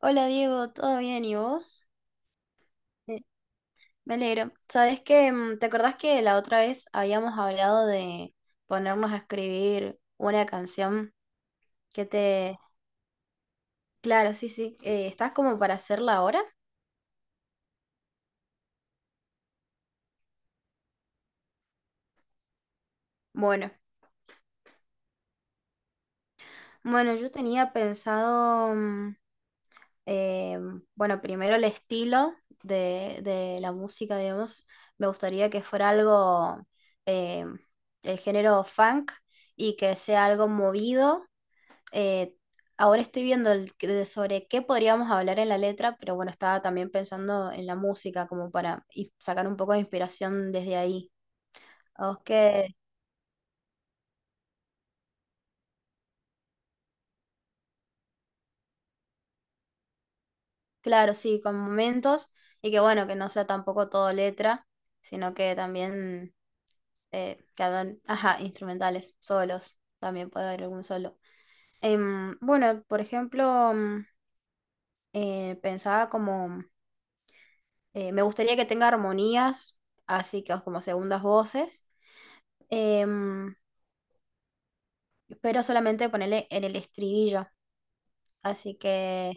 Hola Diego, ¿todo bien? ¿Y vos? Eh, Me alegro. ¿Sabés que ¿Te acordás que la otra vez habíamos hablado de ponernos a escribir una canción que te... Claro, sí, sí. ¿Estás como para hacerla ahora? Bueno, bueno, yo tenía pensado, eh, bueno, primero el estilo de la música, digamos. Me gustaría que fuera algo, eh, el género funk y que sea algo movido, eh, ahora estoy viendo de sobre qué podríamos hablar en la letra, pero bueno, estaba también pensando en la música como para y sacar un poco de inspiración desde ahí. O que, claro, sí, con momentos y que bueno, que no sea tampoco todo letra, sino que también que hagan, ajá, instrumentales, solos, también puede haber algún solo. Bueno, por ejemplo, pensaba como, me gustaría que tenga armonías, así que como segundas voces. Em, pero solamente ponerle en el estribillo. Así que,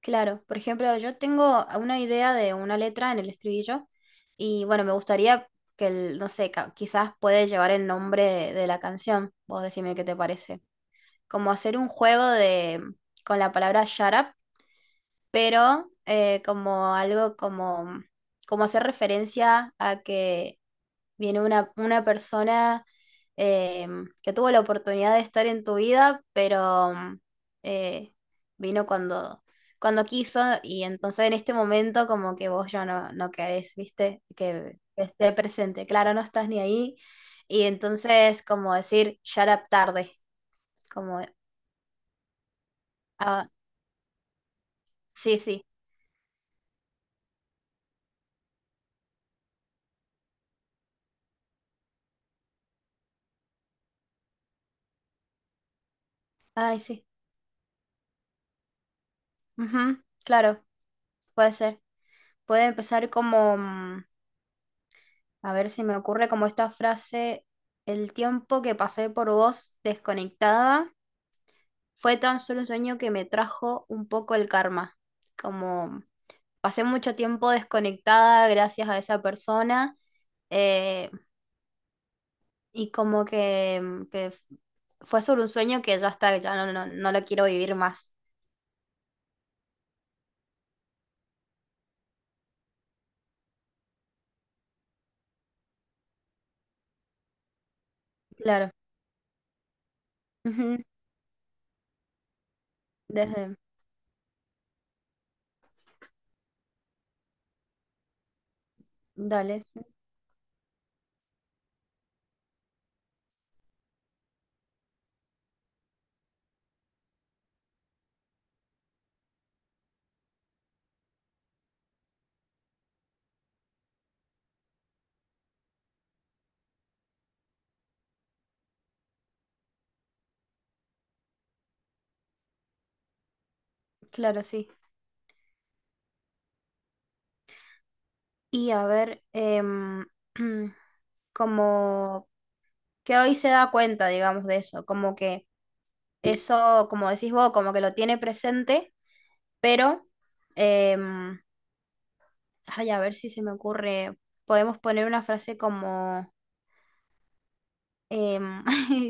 claro, por ejemplo, yo tengo una idea de una letra en el estribillo y bueno, me gustaría que el, no sé, quizás puede llevar el nombre de la canción. Vos decime qué te parece. Como hacer un juego de con la palabra shut up, pero como algo como como hacer referencia a que viene una persona eh, que tuvo la oportunidad de estar en tu vida, pero eh, vino cuando, cuando quiso, y entonces en este momento como que vos ya no, no querés, ¿viste? Que esté presente. Claro, no estás ni ahí. Y entonces como decir, shut up tarde. Como, ah, sí, sí. Ay, sí. Ujú, claro, puede ser. Puede empezar como... A ver si me ocurre como esta frase, el tiempo que pasé por vos desconectada fue tan solo un sueño que me trajo un poco el karma. Como pasé mucho tiempo desconectada gracias a esa persona, eh, y como que, que fue solo un sueño que ya está, ya no, no lo quiero vivir más. Claro. Ujú, Desde, dale, claro, sí. Y a ver, como que hoy se da cuenta, digamos, de eso, como que eso, como decís vos, como que lo tiene presente, pero, em, ay, a ver si se me ocurre, podemos poner una frase como, em,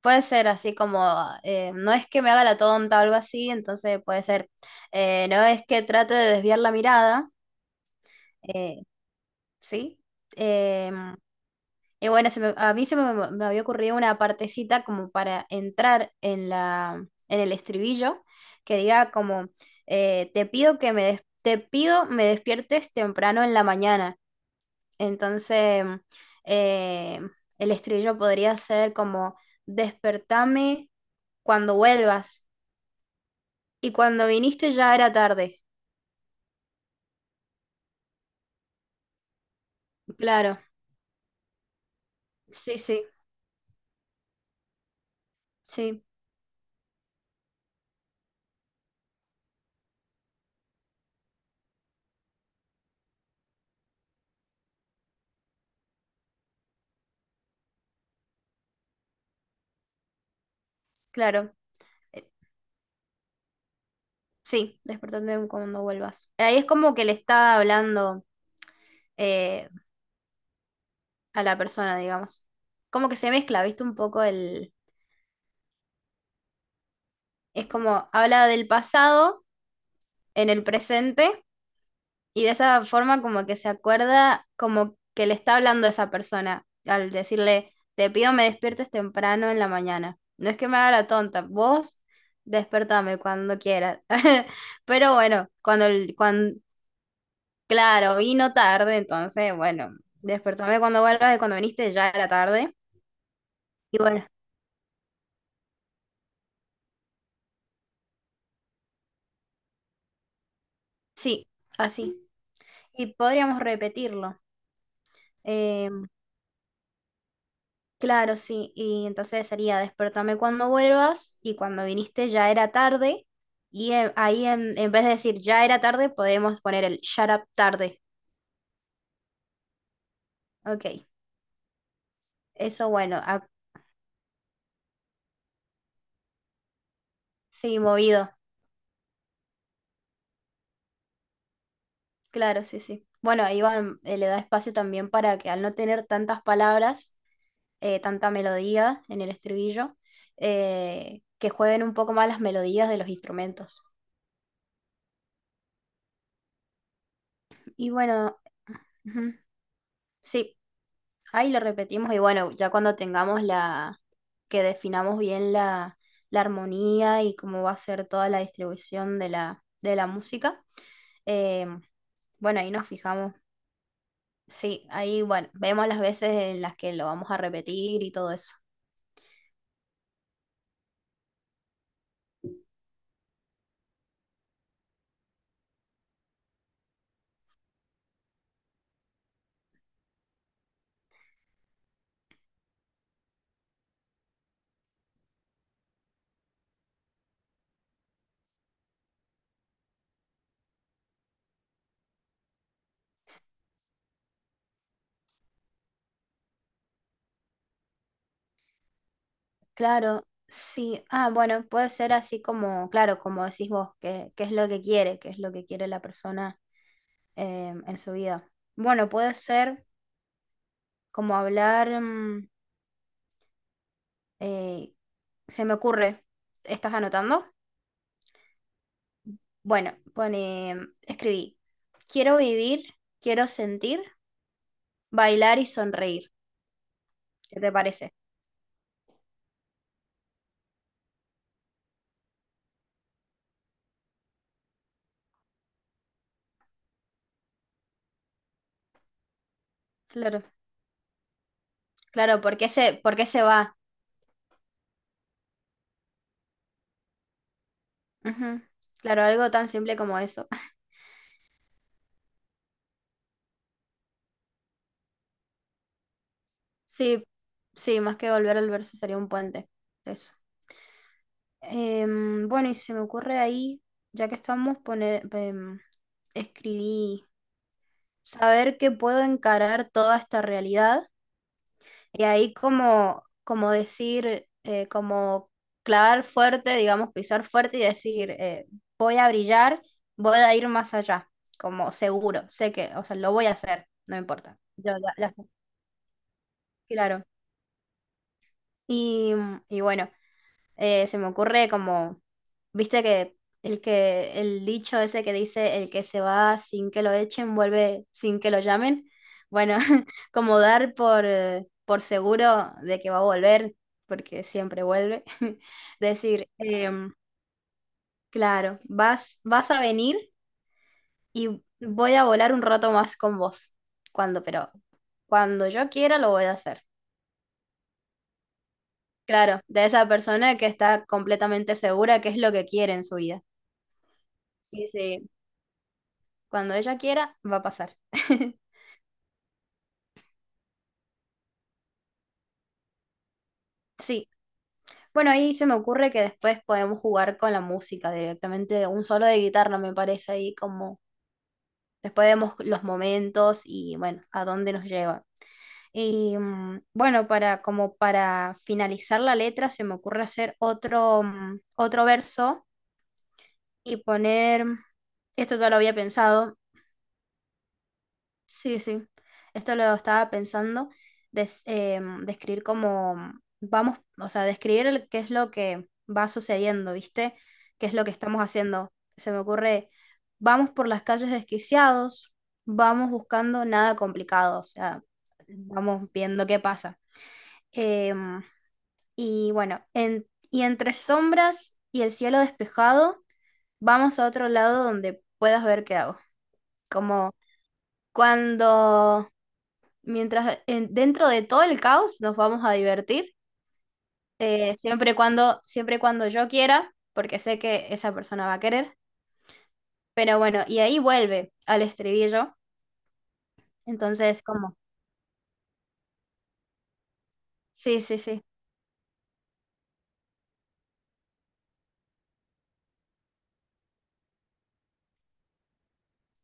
puede ser así como, no es que me haga la tonta o algo así, entonces puede ser, no es que trate de desviar la mirada, eh, ¿sí? Em, Y bueno, a mí se me, me había ocurrido una partecita como para entrar en la, en el estribillo, que diga como, te pido que te pido me despiertes temprano en la mañana. Entonces, eh, el estribillo podría ser como, despertame cuando vuelvas. Y cuando viniste ya era tarde. Claro, sí, sí, sí, claro. Eh, sí, despertame cuando vuelvas. Ahí es como que le está hablando eh, a la persona, digamos. Como que se mezcla, ¿viste? Un poco el... Es como habla del pasado en el presente, y de esa forma como que se acuerda como que le está hablando a esa persona al decirle, te pido me despiertes temprano en la mañana. No es que me haga la tonta, vos despertame cuando quieras. Pero bueno, cuando, cuando, claro, vino tarde, entonces, bueno, despertame cuando vuelvas y cuando viniste ya era tarde. Y bueno, sí, así. Y podríamos repetirlo. Eh, claro, sí. Y entonces sería despertame cuando vuelvas y cuando viniste ya era tarde. Y ahí en vez de decir ya era tarde, podemos poner el shut up tarde. Ok, eso bueno. Ah, sí, movido. Claro, sí, sí. Bueno, Iván le da espacio también para que al no tener tantas palabras, tanta melodía en el estribillo, que jueguen un poco más las melodías de los instrumentos. Y bueno, ujú, sí. Ahí lo repetimos y bueno, ya cuando tengamos la, que definamos bien la, la armonía y cómo va a ser toda la distribución de la música, eh, bueno, ahí nos fijamos. Sí, ahí bueno, vemos las veces en las que lo vamos a repetir y todo eso. Claro, sí. Ah, bueno, puede ser así como, claro, como decís vos, que, qué es lo que quiere, qué es lo que quiere la persona en su vida. Bueno, puede ser como hablar, Eh, se me ocurre, ¿estás anotando? Bueno, pone, escribí, quiero vivir, quiero sentir, bailar y sonreír. ¿Qué te parece? Claro, claro, por qué se va? Ujú. Claro, algo tan simple como eso. Sí, sí, más que volver al verso sería un puente. Eso. Bueno, y se me ocurre ahí, ya que estamos, poner, escribí, saber que puedo encarar toda esta realidad. Y ahí como, como decir, como clavar fuerte, digamos, pisar fuerte y decir, voy a brillar, voy a ir más allá, como seguro, sé que, o sea, lo voy a hacer, no importa. Yo ya, ya está, claro. Y, y bueno, se me ocurre como, viste que el dicho ese que dice el que se va sin que lo echen, vuelve sin que lo llamen. Bueno, como dar por seguro de que va a volver, porque siempre vuelve. Decir, claro, vas, vas a venir y voy a volar un rato más con vos. Cuando, pero cuando yo quiera lo voy a hacer. Claro, de esa persona que está completamente segura que es lo que quiere en su vida. Sí, sí. Cuando ella quiera, va a pasar. Sí. Bueno, ahí se me ocurre que después podemos jugar con la música directamente, un solo de guitarra me parece ahí como después vemos los momentos y bueno, a dónde nos lleva. Y bueno, para como para finalizar la letra se me ocurre hacer otro otro verso y poner, esto ya lo había pensado, sí, sí. Esto lo estaba pensando, describir cómo vamos, o sea, describir qué es lo que va sucediendo, ¿viste? ¿Qué es lo que estamos haciendo? Se me ocurre, vamos por las calles desquiciados, vamos buscando nada complicado, o sea, vamos viendo qué pasa. Em, y bueno, y entre sombras y el cielo despejado, vamos a otro lado donde puedas ver qué hago. Como cuando mientras dentro de todo el caos nos vamos a divertir, siempre y cuando yo quiera, porque sé que esa persona va a querer. Pero bueno, y ahí vuelve al estribillo. Entonces, como, sí, sí, sí,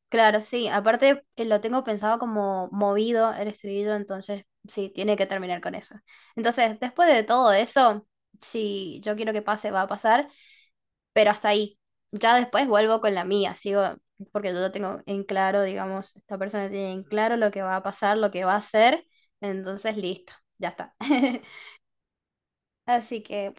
claro, sí. Aparte, lo tengo pensado como movido el estribillo, entonces sí, tiene que terminar con eso. Entonces, después de todo eso, si yo quiero que pase, va a pasar. Pero hasta ahí. Ya después vuelvo con la mía, sigo, porque yo ya tengo en claro, digamos, esta persona tiene en claro lo que va a pasar, lo que va a hacer, entonces listo, ya está. Así que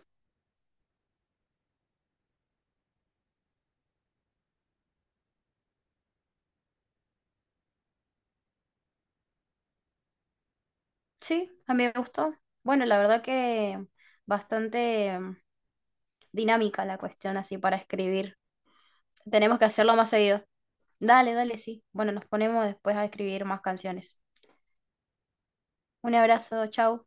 sí, a mí me gustó. Bueno, la verdad que bastante, dinámica la cuestión así para escribir. Tenemos que hacerlo más seguido. Dale, dale, sí. Bueno, nos ponemos después a escribir más canciones. Un abrazo, chau.